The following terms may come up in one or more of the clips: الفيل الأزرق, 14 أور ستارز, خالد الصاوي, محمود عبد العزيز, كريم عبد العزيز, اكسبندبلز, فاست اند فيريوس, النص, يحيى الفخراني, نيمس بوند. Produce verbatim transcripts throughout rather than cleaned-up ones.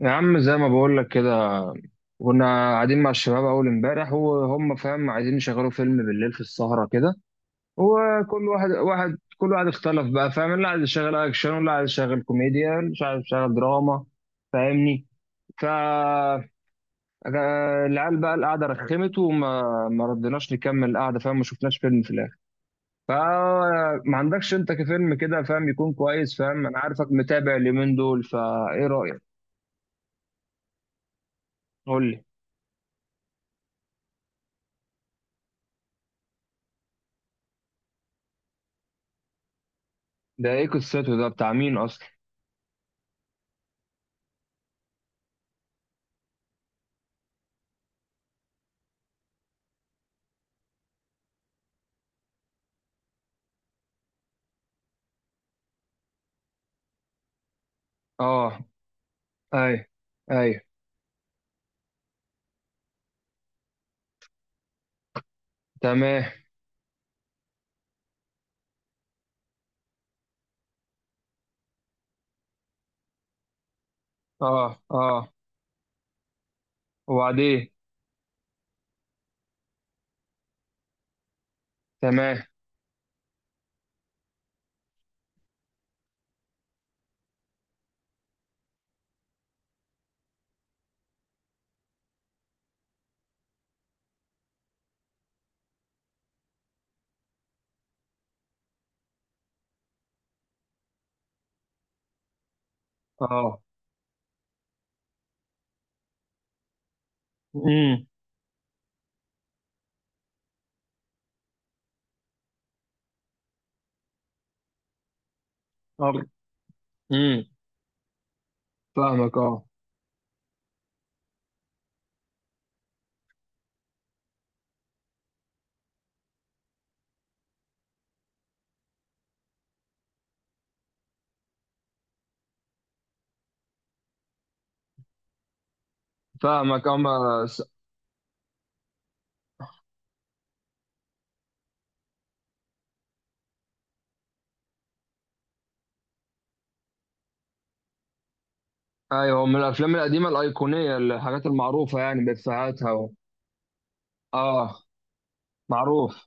يا عم زي ما بقول لك كده، كنا قاعدين مع الشباب اول امبارح وهم فاهم عايزين يشغلوا فيلم بالليل في السهرة كده. وكل واحد واحد كل واحد اختلف بقى فاهم، اللي عايز يشغل اكشن واللي عايز يشغل كوميديا اللي مش عايز يشغل دراما فاهمني. ف آه، العيال بقى القعدة رخمت وما ما ردناش نكمل القعدة فاهم، ما شفناش فيلم في الاخر. فما عندكش انت كفيلم كده فاهم يكون كويس، فاهم انا عارفك متابع اليومين دول، فايه رأيك؟ قول لي، ده ايه قصته؟ ده بتاع مين اصلا؟ اه، اي، اي، تمام. اه اه، وبعدين؟ تمام. اه. امم. أر-. امم. فاهمك اه. فاهمك اه. ما- س-. ايوه، من الافلام القديمه الايقونيه الحاجات المعروفه يعني بإفيهاتها و... اه. معروف.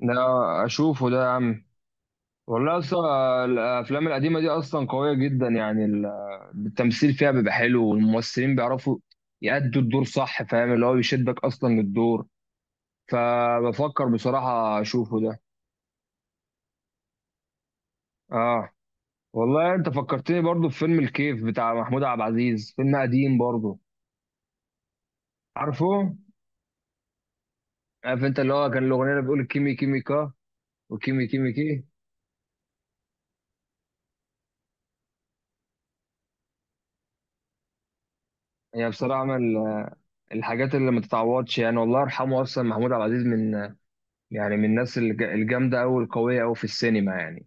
ده اشوفه ده يا عم، والله اصلا الافلام القديمه دي اصلا قويه جدا. يعني ال- التمثيل فيها بيبقى حلو، والممثلين بيعرفوا يأدوا الدور صح فاهم، اللي هو بيشدك اصلا للدور. فبفكر بصراحة اشوفه ده. اه، والله انت فكرتني برضو في فيلم الكيف بتاع محمود عبد العزيز، فيلم قديم برضو. عارفه، عارف انت اللي هو كان الاغنية اللي بتقول كيمي كيمي كا، وكيمي كيمي كي. هي بصراحة من ال- الحاجات اللي ما تتعوضش، يعني والله يرحمه اصلا محمود عبد العزيز من، يعني من الناس الج- الجامدة قوي، القوية قوي في السينما يعني.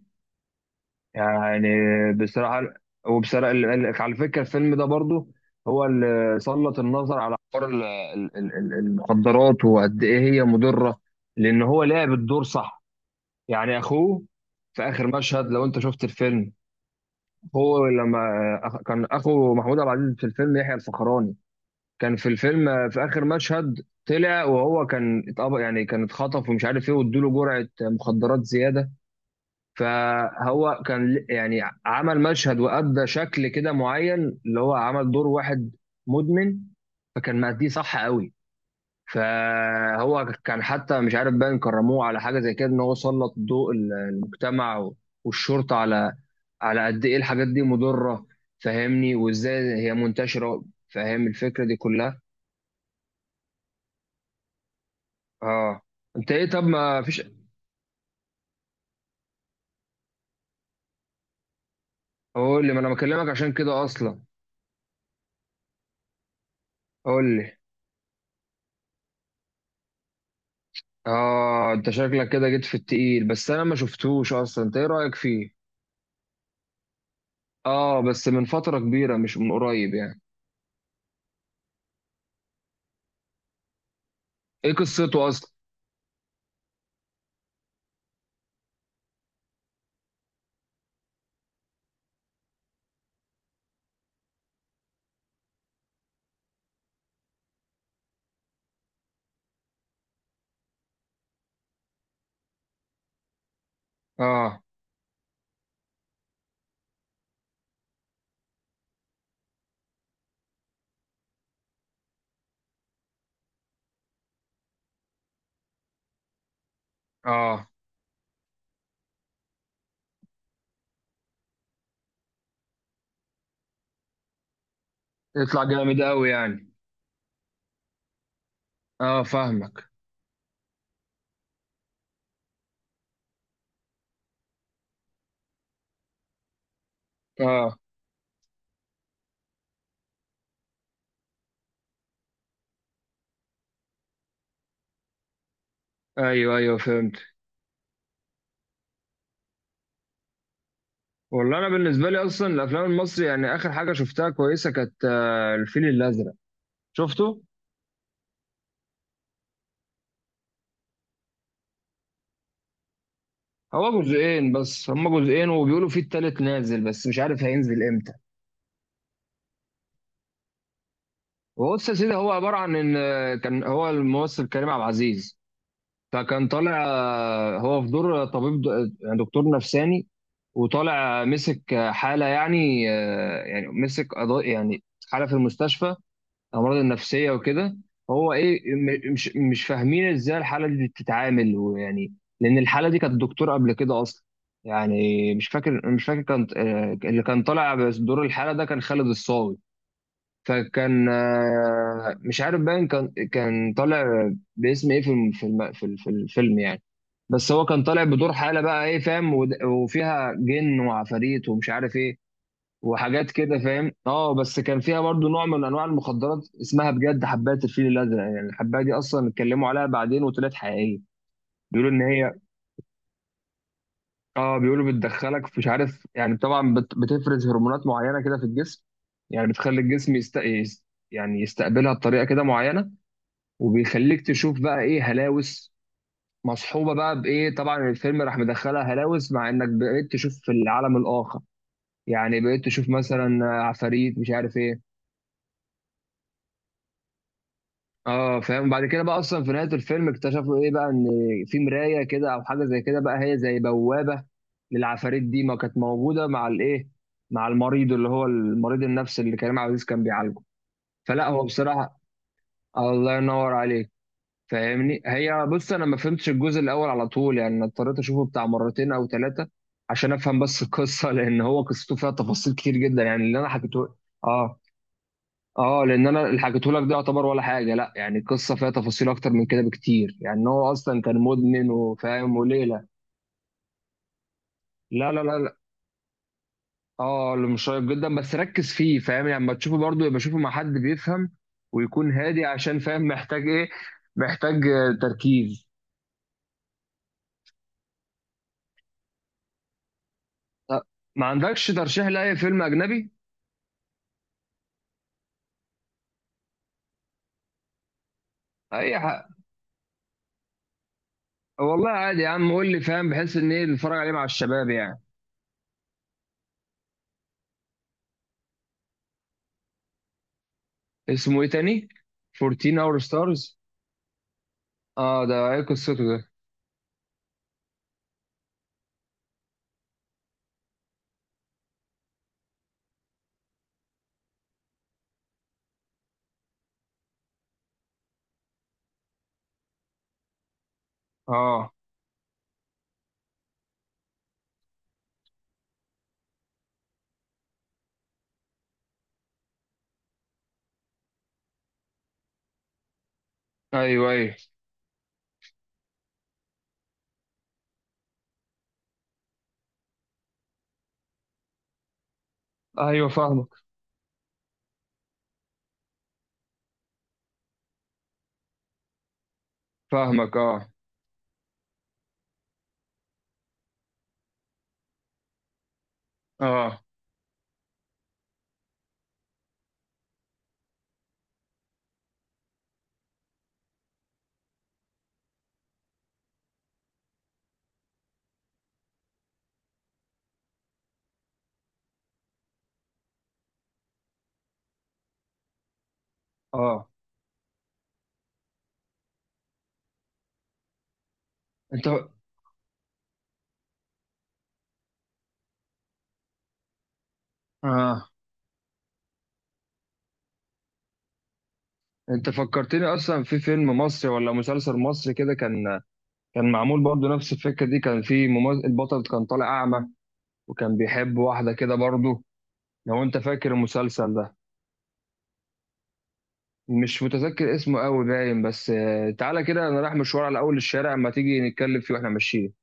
يعني بصراحة، وبصراحة ال- ال- على فكرة الفيلم ده برضو هو اللي سلط النظر على حوار ال- ال- ال- المخدرات، وقد ايه هي مضرة. لان هو لعب الدور صح، يعني اخوه في اخر مشهد لو انت شفت الفيلم. هو لما أخ- كان اخو محمود عبد العزيز في الفيلم يحيى الفخراني، كان في الفيلم في اخر مشهد طلع وهو كان اتقبض، يعني كان اتخطف ومش عارف ايه، وادوا له جرعة مخدرات زيادة. فهو كان ل- يعني عمل مشهد وأدى شكل كده معين، اللي هو عمل دور واحد مدمن، فكان مأديه صح قوي. فهو كان حتى مش عارف باين كرموه على حاجة زي كده، ان هو سلط ضوء ال- المجتمع و- والشرطة على على قد ايه الحاجات دي مضرة فاهمني، وازاي هي منتشرة. فاهم الفكرة دي كلها. اه، انت ايه؟ طب ما فيش؟ قول لي، ما انا بكلمك عشان كده اصلا. قول لي. اه، انت شكلك كده جيت في التقيل، بس انا ما شفتوش اصلا، انت ايه رايك فيه؟ اه، بس من فتره كبيره مش من قريب يعني. ايه قصته اصلا؟ اه. اه. يطلع جامد قوي يعني. اه فاهمك. اه. ايوه ايوه فهمت. والله انا بالنسبه لي اصلا الافلام المصري، يعني اخر حاجه شفتها كويسه كانت آه، الفيل الازرق، شفته؟ هو جزئين، بس هما جزئين وبيقولوا فيه التالت نازل بس مش عارف هينزل امتى. وهو بص يا سيدي، هو عباره عن ان آه، كان هو الممثل كريم عبد العزيز، فكان طالع آه، هو في دور طبيب د- يعني دكتور نفساني. وطالع مسك آه، حالة يعني آه، يعني مسك قضاء يعني، حالة في المستشفى الأمراض النفسية وكده. هو إيه م- مش مش فاهمين إزاي الحالة دي بتتعامل ويعني. لأن الحالة دي كانت دكتور قبل كده أصلا، يعني مش فاكر مش فاكر كان آه، اللي كان طالع، بس دور الحالة ده كان خالد الصاوي. فكان آه، مش عارف باين كان كان طالع باسم ايه في الم- في الم- في ال- في الفيلم يعني. بس هو كان طالع بدور حاله بقى ايه فاهم، ود- وفيها جن وعفاريت ومش عارف ايه وحاجات كده فاهم. اه، بس كان فيها برضو نوع من انواع المخدرات اسمها بجد حبات الفيل الازرق، يعني الحبايه دي اصلا اتكلموا عليها بعدين وطلعت حقيقيه. بيقولوا ان هي، اه، بيقولوا بتدخلك في- مش عارف يعني، طبعا بت- بتفرز هرمونات معينه كده في الجسم، يعني بتخلي الجسم يست... يست- يعني يستقبلها بطريقه كده معينه، وبيخليك تشوف بقى ايه هلاوس. مصحوبه بقى بايه، طبعا الفيلم راح مدخلها هلاوس مع انك بقيت تشوف في العالم الاخر، يعني بقيت تشوف مثلا عفاريت مش عارف ايه. اه فاهم. بعد كده بقى اصلا في نهايه الفيلم اكتشفوا ايه بقى، ان في مرايه كده او حاجه زي كده، بقى هي زي بوابه للعفاريت دي، ما كانت موجوده مع الايه، مع المريض اللي هو المريض النفسي اللي كريم عبد العزيز كان بيعالجه. فلا هو بصراحه، الله ينور عليك. فاهمني، هي بص انا ما فهمتش الجزء الاول على طول يعني، أنا اضطريت اشوفه بتاع مرتين او ثلاثه عشان افهم بس القصه، لان هو قصته فيها تفاصيل كتير جدا يعني، اللي انا حكيته. اه اه، لان انا اللي حكيته لك ده يعتبر ولا حاجه، لا يعني القصه فيها تفاصيل اكتر من كده بكتير يعني، هو اصلا كان مدمن وفاهم وليله. لا لا لا لا، اه، اللي مشيق جدا بس ركز فيه فاهم، يعني لما تشوفه برضه يبقى شوفه مع حد بيفهم ويكون هادي، عشان فاهم محتاج ايه، محتاج آه، تركيز. طب ما عندكش ترشيح لاي فيلم اجنبي؟ اي حق، والله عادي يا عم قول لي فاهم، بحيث ان ايه نتفرج عليه مع الشباب يعني. اسمه ايه تاني؟ فورتين اور ستارز؟ اه، ده ايه قصته ده؟ اه. ايوه ايوه. ايوه فاهمك. فاهمك اه. اه. اه انت. اه، انت فكرتني اصلا في فيلم مصري ولا مسلسل مصري كده، كان كان معمول برضه نفس الفكره دي، كان في ممثل البطل كان طالع اعمى، وكان بيحب واحده كده برضه. لو انت فاكر المسلسل ده. مش متذكر اسمه قوي باين، بس آه، تعالى كده انا رايح مشوار على اول الشارع، اما تيجي نتكلم فيه واحنا ماشيين.